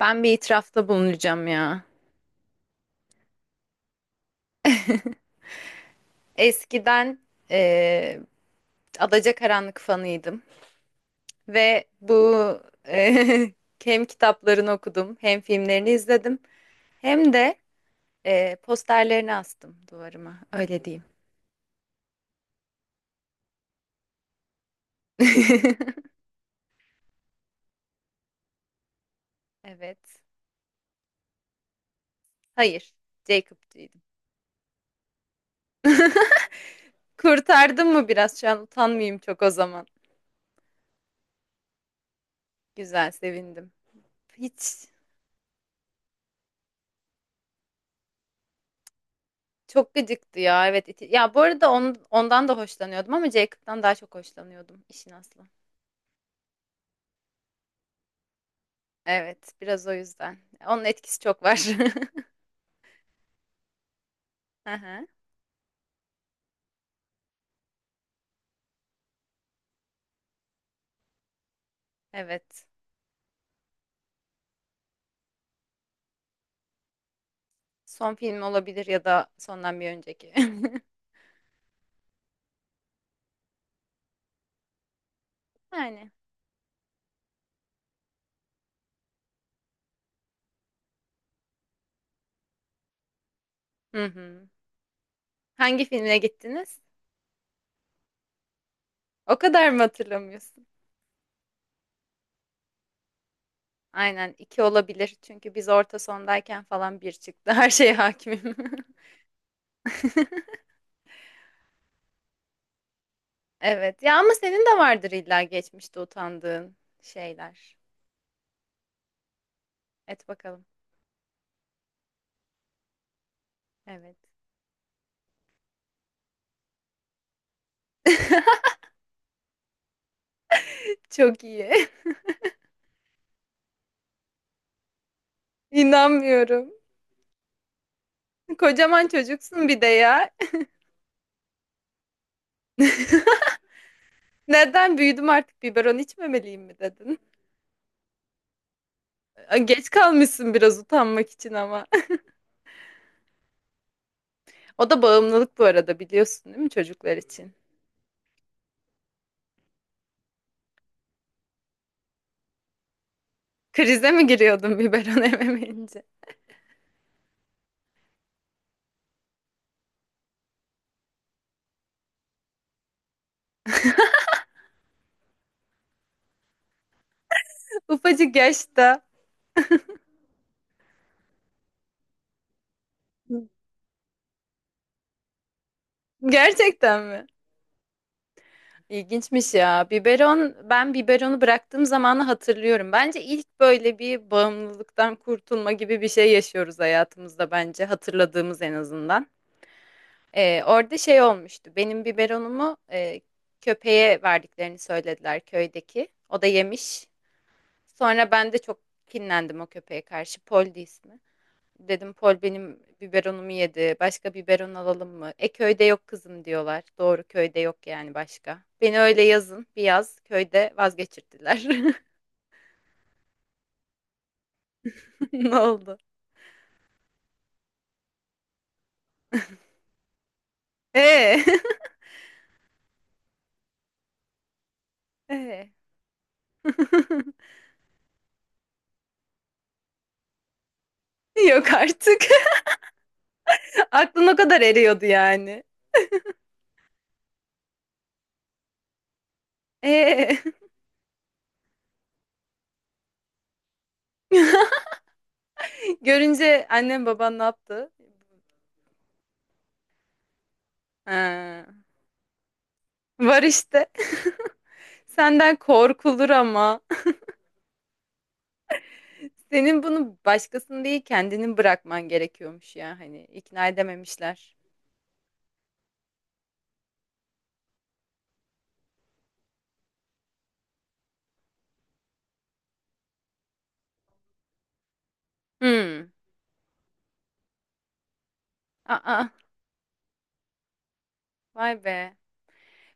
Ben bir itirafta bulunacağım ya. Eskiden eee Adacakaranlık fanıydım ve bu eee, hem kitaplarını okudum, hem filmlerini izledim, hem de posterlerini astım duvarıma. Öyle diyeyim. Evet. Hayır. Jacob'cuydum. Kurtardım mı biraz? Şu an utanmayayım çok o zaman. Güzel, sevindim. Hiç çok gıcıktı ya. Evet. Ya bu arada ondan da hoşlanıyordum ama Jacob'tan daha çok hoşlanıyordum işin aslı. Evet, biraz o yüzden. Onun etkisi çok var. Hı Evet. Son film olabilir ya da sondan bir önceki. Yani. Hı hı. Hangi filmine gittiniz? O kadar mı hatırlamıyorsun? Aynen iki olabilir. Çünkü biz orta sondayken falan bir çıktı. Her şeye hakimim. Evet. Ya ama senin de vardır illa geçmişte utandığın şeyler. Et bakalım. Evet. Çok iyi. İnanmıyorum. Kocaman çocuksun bir de ya. Neden büyüdüm artık biberon içmemeliyim mi dedin? Geç kalmışsın biraz utanmak için ama. O da bağımlılık bu arada biliyorsun değil mi çocuklar için? Krize mi giriyordun biberon ememeyince? Ufacık yaşta. Gerçekten mi? İlginçmiş ya. Biberon, ben biberonu bıraktığım zamanı hatırlıyorum. Bence ilk böyle bir bağımlılıktan kurtulma gibi bir şey yaşıyoruz hayatımızda bence. Hatırladığımız en azından. Orada şey olmuştu. Benim biberonumu köpeğe verdiklerini söylediler köydeki. O da yemiş. Sonra ben de çok kinlendim o köpeğe karşı. Poldi ismi. Dedim Pol benim biberonumu yedi. Başka biberon alalım mı? E köyde yok kızım diyorlar. Doğru köyde yok yani başka. Beni öyle yazın bir yaz köyde vazgeçirdiler. Ne oldu? Ee, ee. Yok artık. Aklın o kadar eriyordu yani. Ee. Görünce annem baban ne yaptı? Ha, var işte. Senden korkulur ama. Senin bunu başkasını değil kendini bırakman gerekiyormuş ya hani ikna edememişler. Hmm. Aa, vay be.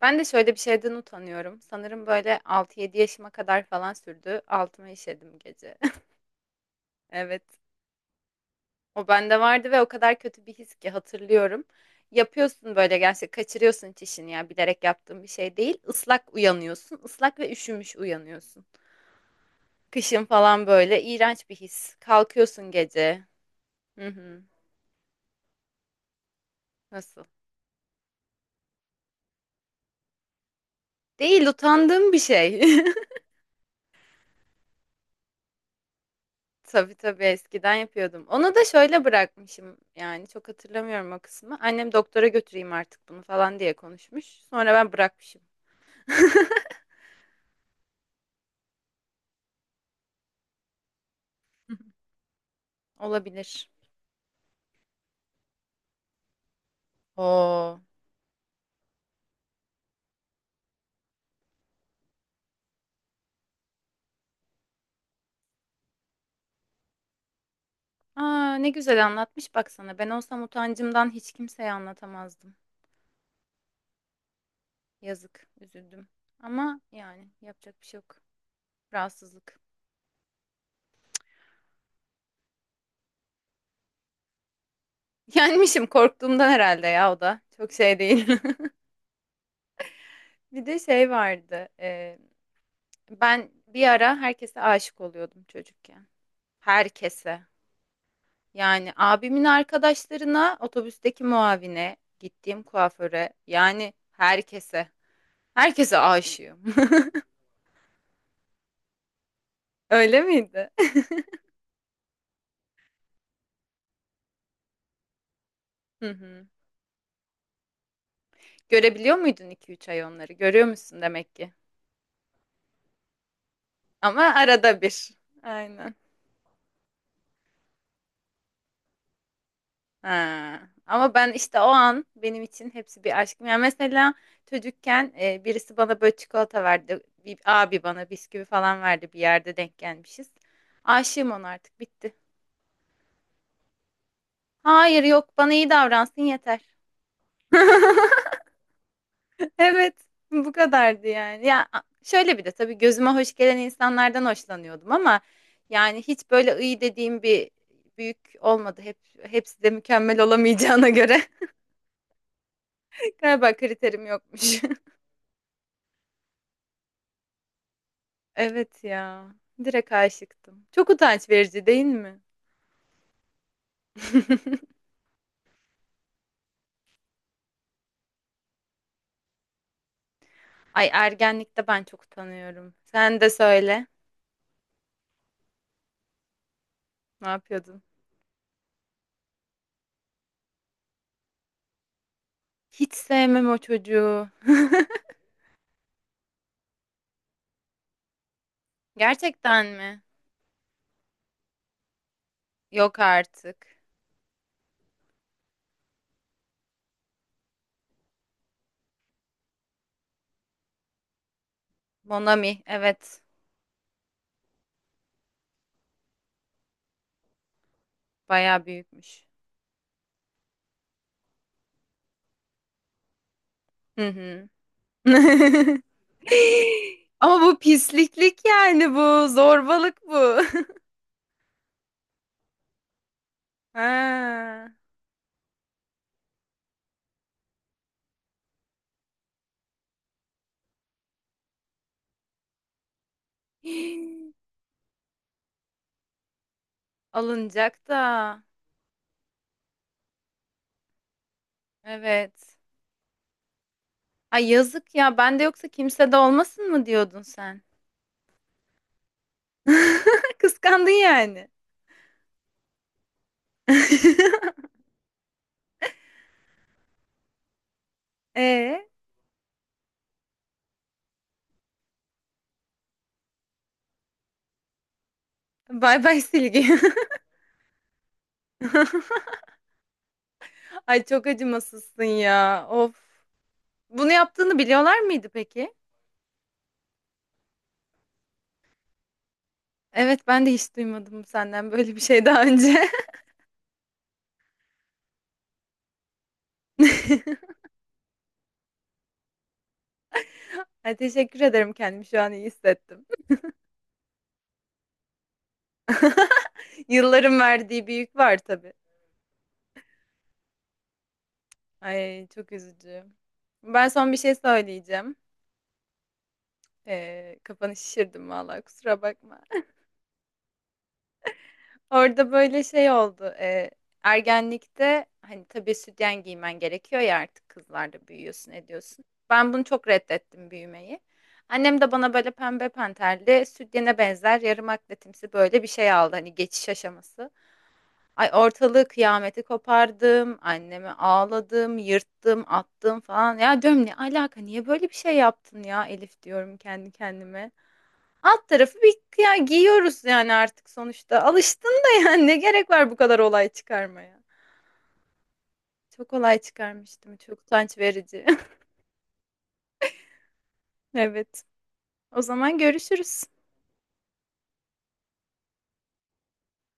Ben de şöyle bir şeyden utanıyorum. Sanırım böyle altı yedi yaşıma kadar falan sürdü. Altıma işedim gece. Evet. O bende vardı ve o kadar kötü bir his ki hatırlıyorum. Yapıyorsun böyle gerçekten kaçırıyorsun çişini ya bilerek yaptığın bir şey değil. Islak uyanıyorsun. Islak ve üşümüş uyanıyorsun. Kışın falan böyle iğrenç bir his. Kalkıyorsun gece. Hı hı. Nasıl? Değil utandığım bir şey. Tabii tabii eskiden yapıyordum. Onu da şöyle bırakmışım yani çok hatırlamıyorum o kısmı. Annem doktora götüreyim artık bunu falan diye konuşmuş. Sonra ben bırakmışım. Olabilir. Oo. Aa, ne güzel anlatmış baksana. Ben olsam utancımdan hiç kimseye anlatamazdım. Yazık, üzüldüm. Ama yani yapacak bir şey yok. Rahatsızlık. Yenmişim korktuğumdan herhalde ya o da. Çok şey değil. Bir de şey vardı. Ben bir ara herkese aşık oluyordum çocukken. Herkese. Yani abimin arkadaşlarına, otobüsteki muavine, gittiğim kuaföre, yani herkese. Herkese aşığım. Öyle miydi? Hı hı. Görebiliyor muydun iki üç ay onları? Görüyor musun demek ki? Ama arada bir. Aynen. Ha. Ama ben işte o an benim için hepsi bir aşk. Yani mesela çocukken birisi bana böyle çikolata verdi. Bir abi bana bisküvi falan verdi bir yerde denk gelmişiz. Aşığım ona artık bitti. Hayır yok bana iyi davransın yeter. Evet, bu kadardı yani. Ya şöyle bir de tabii gözüme hoş gelen insanlardan hoşlanıyordum ama yani hiç böyle iyi dediğim bir büyük olmadı. Hepsi de mükemmel olamayacağına göre galiba kriterim yokmuş. Evet ya. Direkt aşıktım. Çok utanç verici değil mi? Ay ergenlikte ben çok utanıyorum. Sen de söyle. Ne yapıyordun? Hiç sevmem o çocuğu. Gerçekten mi? Yok artık. Monami, evet. Bayağı büyükmüş. Hı hı. Ama bu pisliklik yani bu. Zorbalık bu. Ha. Alınacak da. Evet. Ay yazık ya. Ben de yoksa kimse de olmasın mı diyordun sen? Kıskandın yani. Ee, bay bay Silgi. Ay çok acımasızsın ya. Of. Bunu yaptığını biliyorlar mıydı peki? Evet ben de hiç duymadım senden böyle bir şey daha önce. Ay, teşekkür ederim kendimi şu an iyi hissettim. Yılların verdiği bir yük var tabii. Ay çok üzücü. Ben son bir şey söyleyeceğim. Kafanı şişirdim vallahi kusura bakma. Orada böyle şey oldu. Ergenlikte hani tabii sütyen giymen gerekiyor ya artık kızlarda büyüyorsun ediyorsun. Ben bunu çok reddettim büyümeyi. Annem de bana böyle pembe panterli sütyene benzer yarım akletimsi böyle bir şey aldı hani geçiş aşaması. Ay ortalığı kıyameti kopardım, anneme ağladım, yırttım, attım falan. Ya diyorum ne alaka niye böyle bir şey yaptın ya Elif diyorum kendi kendime. Alt tarafı bir ya giyiyoruz yani artık sonuçta. Alıştın da yani ne gerek var bu kadar olay çıkarmaya. Çok olay çıkarmıştım. Çok utanç verici. Evet. O zaman görüşürüz.